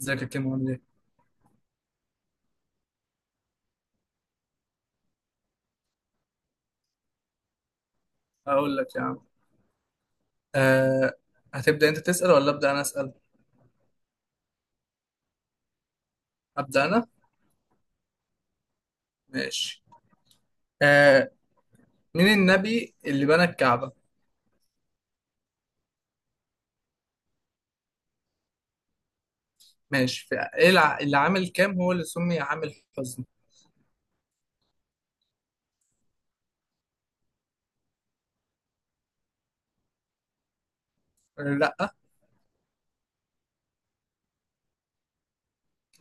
ازيك يا كيمو؟ عامل ايه؟ هقول لك يا عم. أه هتبدأ انت تسأل ولا أبدأ انا أسأل؟ أبدأ انا؟ ماشي. أه مين النبي اللي بنى الكعبة؟ ماشي. في ايه اللي عامل كام هو اللي سمي عام الحزن؟ لا.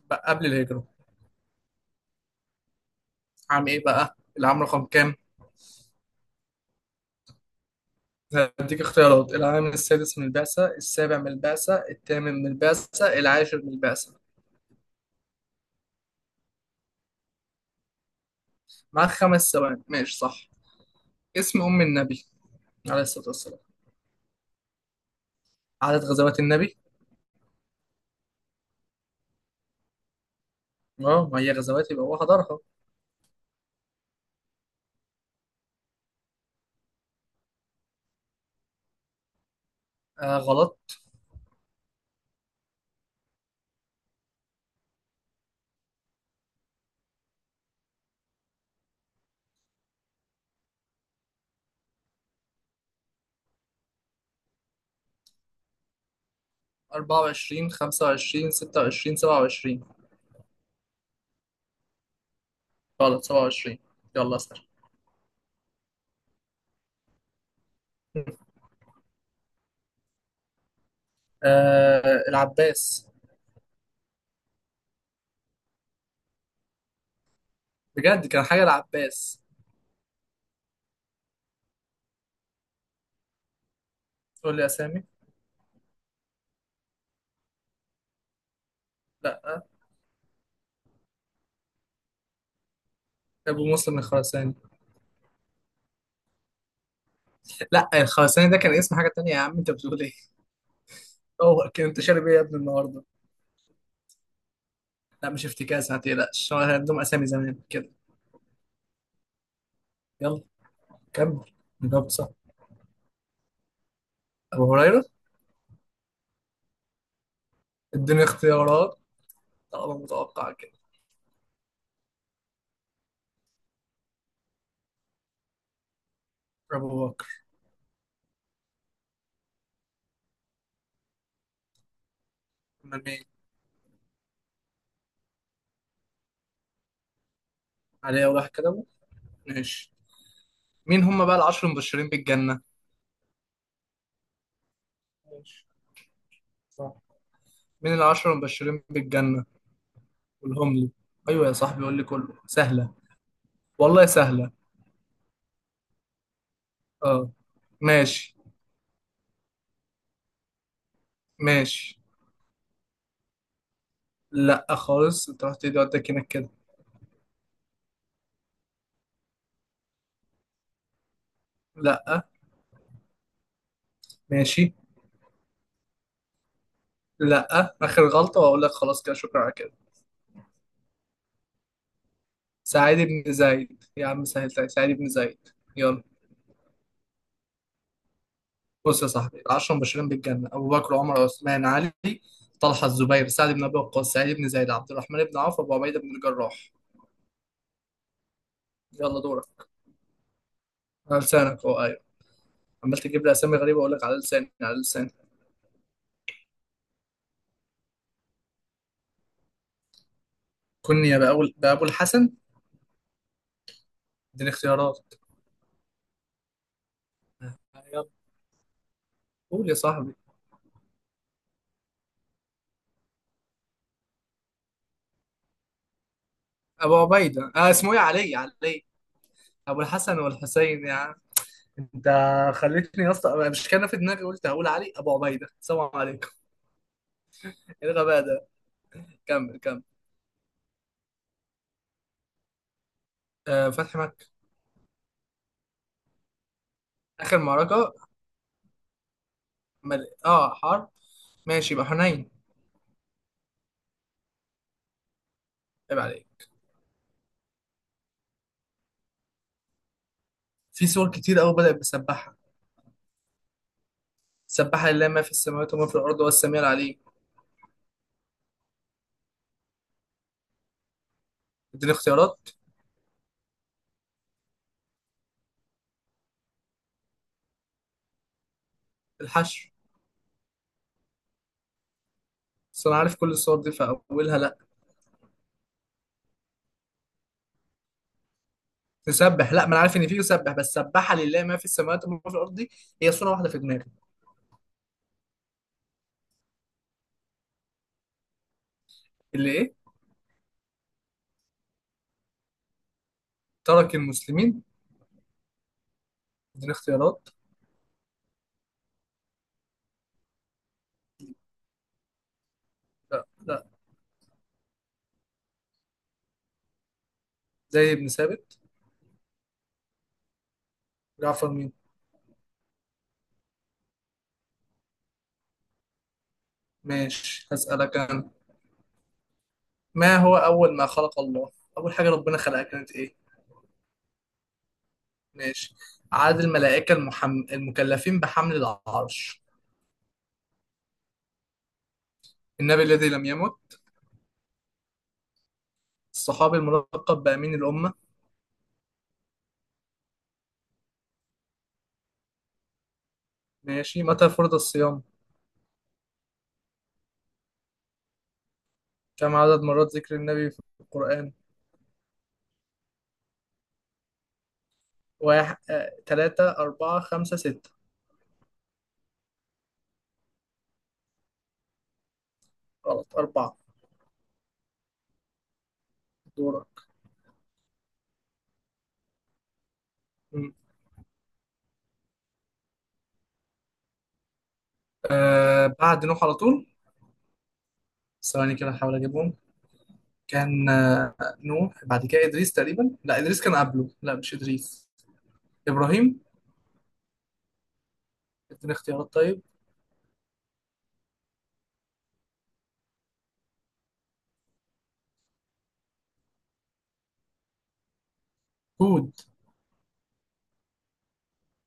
بقى قبل الهجرة. عام ايه بقى؟ العام رقم كام؟ هديك اختيارات: العام السادس من البعثة، السابع من البعثة، الثامن من البعثة، العاشر من البعثة. معاك خمس ثواني. ماشي، صح. اسم أم النبي عليه الصلاة والسلام. عدد غزوات النبي. اه، ما هي غزوات يبقى هو حضرها. آه غلط. 24 25 26 27. غلط، 27. يلا اسأل. آه، العباس. بجد كان حاجة العباس. تقول لي أسامي. لا، أبو مسلم الخراساني. لا، الخراساني ده كان اسم حاجة تانية يا عم. أنت بتقول إيه؟ هو كان، أنت شارب إيه يا ابني النهاردة؟ لا مش افتكاس، ما تقلقش، هو كان عندهم أسامي زمان كده. يلا. كمل. جاوب صح. أبو هريرة. اديني اختيارات طالما متوقع كده. أبو بكر. أمال مين؟ علي أول واحد كده. ماشي. مين هم بقى العشر المبشرين بالجنة؟ ماشي، صح. مين العشر المبشرين بالجنة؟ قولهم لي. ايوه يا صاحبي قول لي، كله سهلة. والله سهلة. اه ماشي. ماشي. لا خالص، انت رحت ايدي ودك هناك كده. لا. ماشي. لا. اخر غلطة واقول لك خلاص كده، شكرا على كده. سعيد بن زيد يا عم، سهلت عليك. سعيد بن زيد. يلا. بص يا صاحبي، العشرة المبشرين بالجنة: أبو بكر وعمر وعثمان علي، طلحة الزبير سعد بن أبي وقاص سعيد بن زيد عبد الرحمن بن عوف أبو عبيدة بن الجراح. يلا دورك. على لسانك، اه ايوه. عمال تجيب لي اسامي غريبه اقول لك على لساني على لساني. كني بقى اقول بقى ابو الحسن. اديني اختيارات. يلا. قول يا صاحبي. ابو عبيده، اسمه ايه، علي، علي. ابو الحسن والحسين يا عم. انت خليتني يا اسطى، أنا مش كان في دماغي، قلت هقول علي ابو عبيده، سلام عليكم. ايه الغباء ده؟ كمل كمل. آه، فتحي مكة. اخر معركه. اه حرب. ماشي يبقى حنين. عيب عليك. في سور كتير قوي بدأت بسبحها. سبح لله ما في السماوات وما في الارض والسميع العليم. اديني اختيارات. الحشو. بس انا عارف كل الصور دي فاولها لا. تسبح؟ لا ما انا عارف ان في يسبح، بس سبح لله ما في السماوات وما في الارض دي هي صوره واحده في دماغي. اللي ايه؟ ترك المسلمين؟ اديني اختيارات. لا لا. زي ابن ثابت. جعفر مين؟ ماشي هسألك انا. ما هو اول ما خلق الله؟ اول حاجه ربنا خلقها كانت ايه؟ ماشي. عدد الملائكه المكلفين بحمل العرش. النبي الذي لم يمت. الصحابي الملقب بأمين الأمة. ماشي. متى فرض الصيام؟ كم عدد مرات ذكر النبي في القرآن؟ واحد، تلاتة، أربعة، خمسة، ستة. غلط، أربعة. دورة. مم. آه بعد نوح على طول. ثواني كده أحاول أجيبهم. كان نوح، بعد كده إدريس تقريبا، لا إدريس كان قبله، لا مش إدريس. إبراهيم. اديني اختيارات طيب. هود.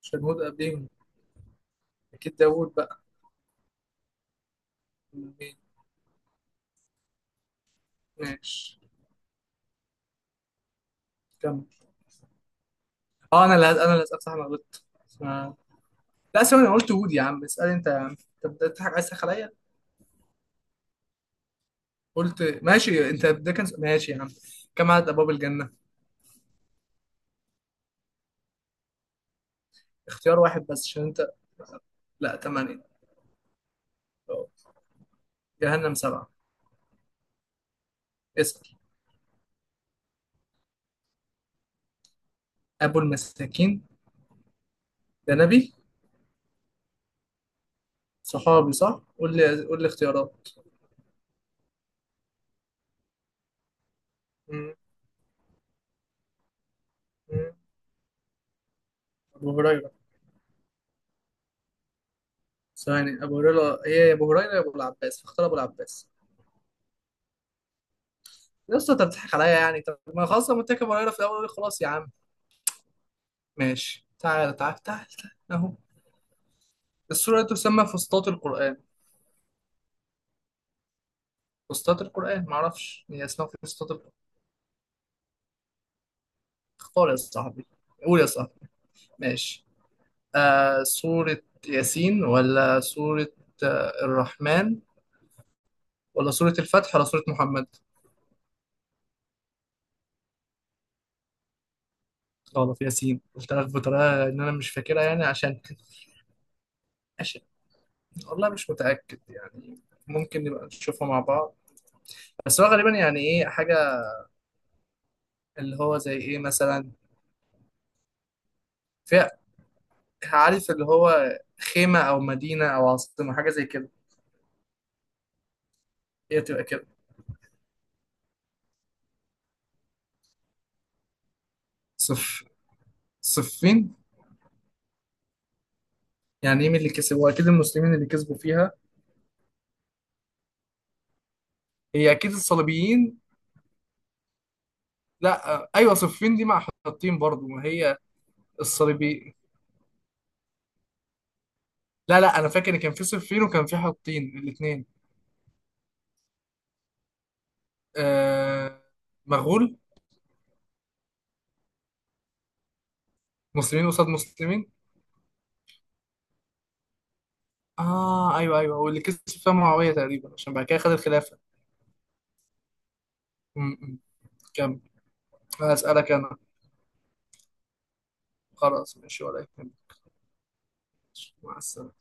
عشان هود قبليهم. أكيد داوود بقى. مين؟ ماشي. كمل. أنا اللي أسأل صح، أنا غلطت. آه. لا ثواني، أنا قلت هود يا عم، اسأل أنت يا عم. أنت بتضحك عايز تسخن عليا. قلت ماشي انت، ده كان ماشي يا عم. كم عدد ابواب الجنه؟ اختيار واحد بس عشان انت. لا، ثمانيه. أه. جهنم سبعه. اسال. ابو المساكين؟ ده نبي؟ صحابي صح. قول لي، قول لي اختيارات. م- م. ابو هريره. ثواني، ابو هريره، هي يا ابو هريره يا ابو العباس، فاختار ابو العباس. يا اسطى انت بتضحك عليا يعني، طب ما خلاص لما قلت لك ابو هريره في الاول خلاص يا عم. ماشي. تعال تعال تعال تعال اهو. السوره دي تسمى فسطاط القران. فسطاط القران، معرفش هي اسمها فسطاط. اختار يا صاحبي. قول يا صاحبي. ماشي. آه سورة ياسين، ولا سورة الرحمن، ولا سورة الفتح، ولا سورة محمد. غلط، ياسين. قلت لك بطريقة إن أنا مش فاكرها يعني، عشان. عشان والله مش متأكد يعني. ممكن نبقى نشوفها مع بعض. بس هو غالبا يعني إيه حاجة، اللي هو زي إيه مثلا، فيها، عارف اللي هو خيمة أو مدينة أو عاصمة، حاجة زي كده. هي تبقى كده. صف. صفين. يعني إيه مين اللي كسب، هو أكيد المسلمين اللي كسبوا فيها. هي اكيد الصليبيين. لا ايوه صفين دي مع حطين برضو ما هي. الصليبي. لا لا انا فاكر ان كان في صفين وكان في حطين الاثنين. آه، مغول. مسلمين قصاد مسلمين. اه ايوه ايوه، واللي كسب فيها معاويه تقريبا عشان بعد كده خد الخلافه. م- م. كمل. هسألك انا. خلاص ماشي ولا يهمك. مع السلامه.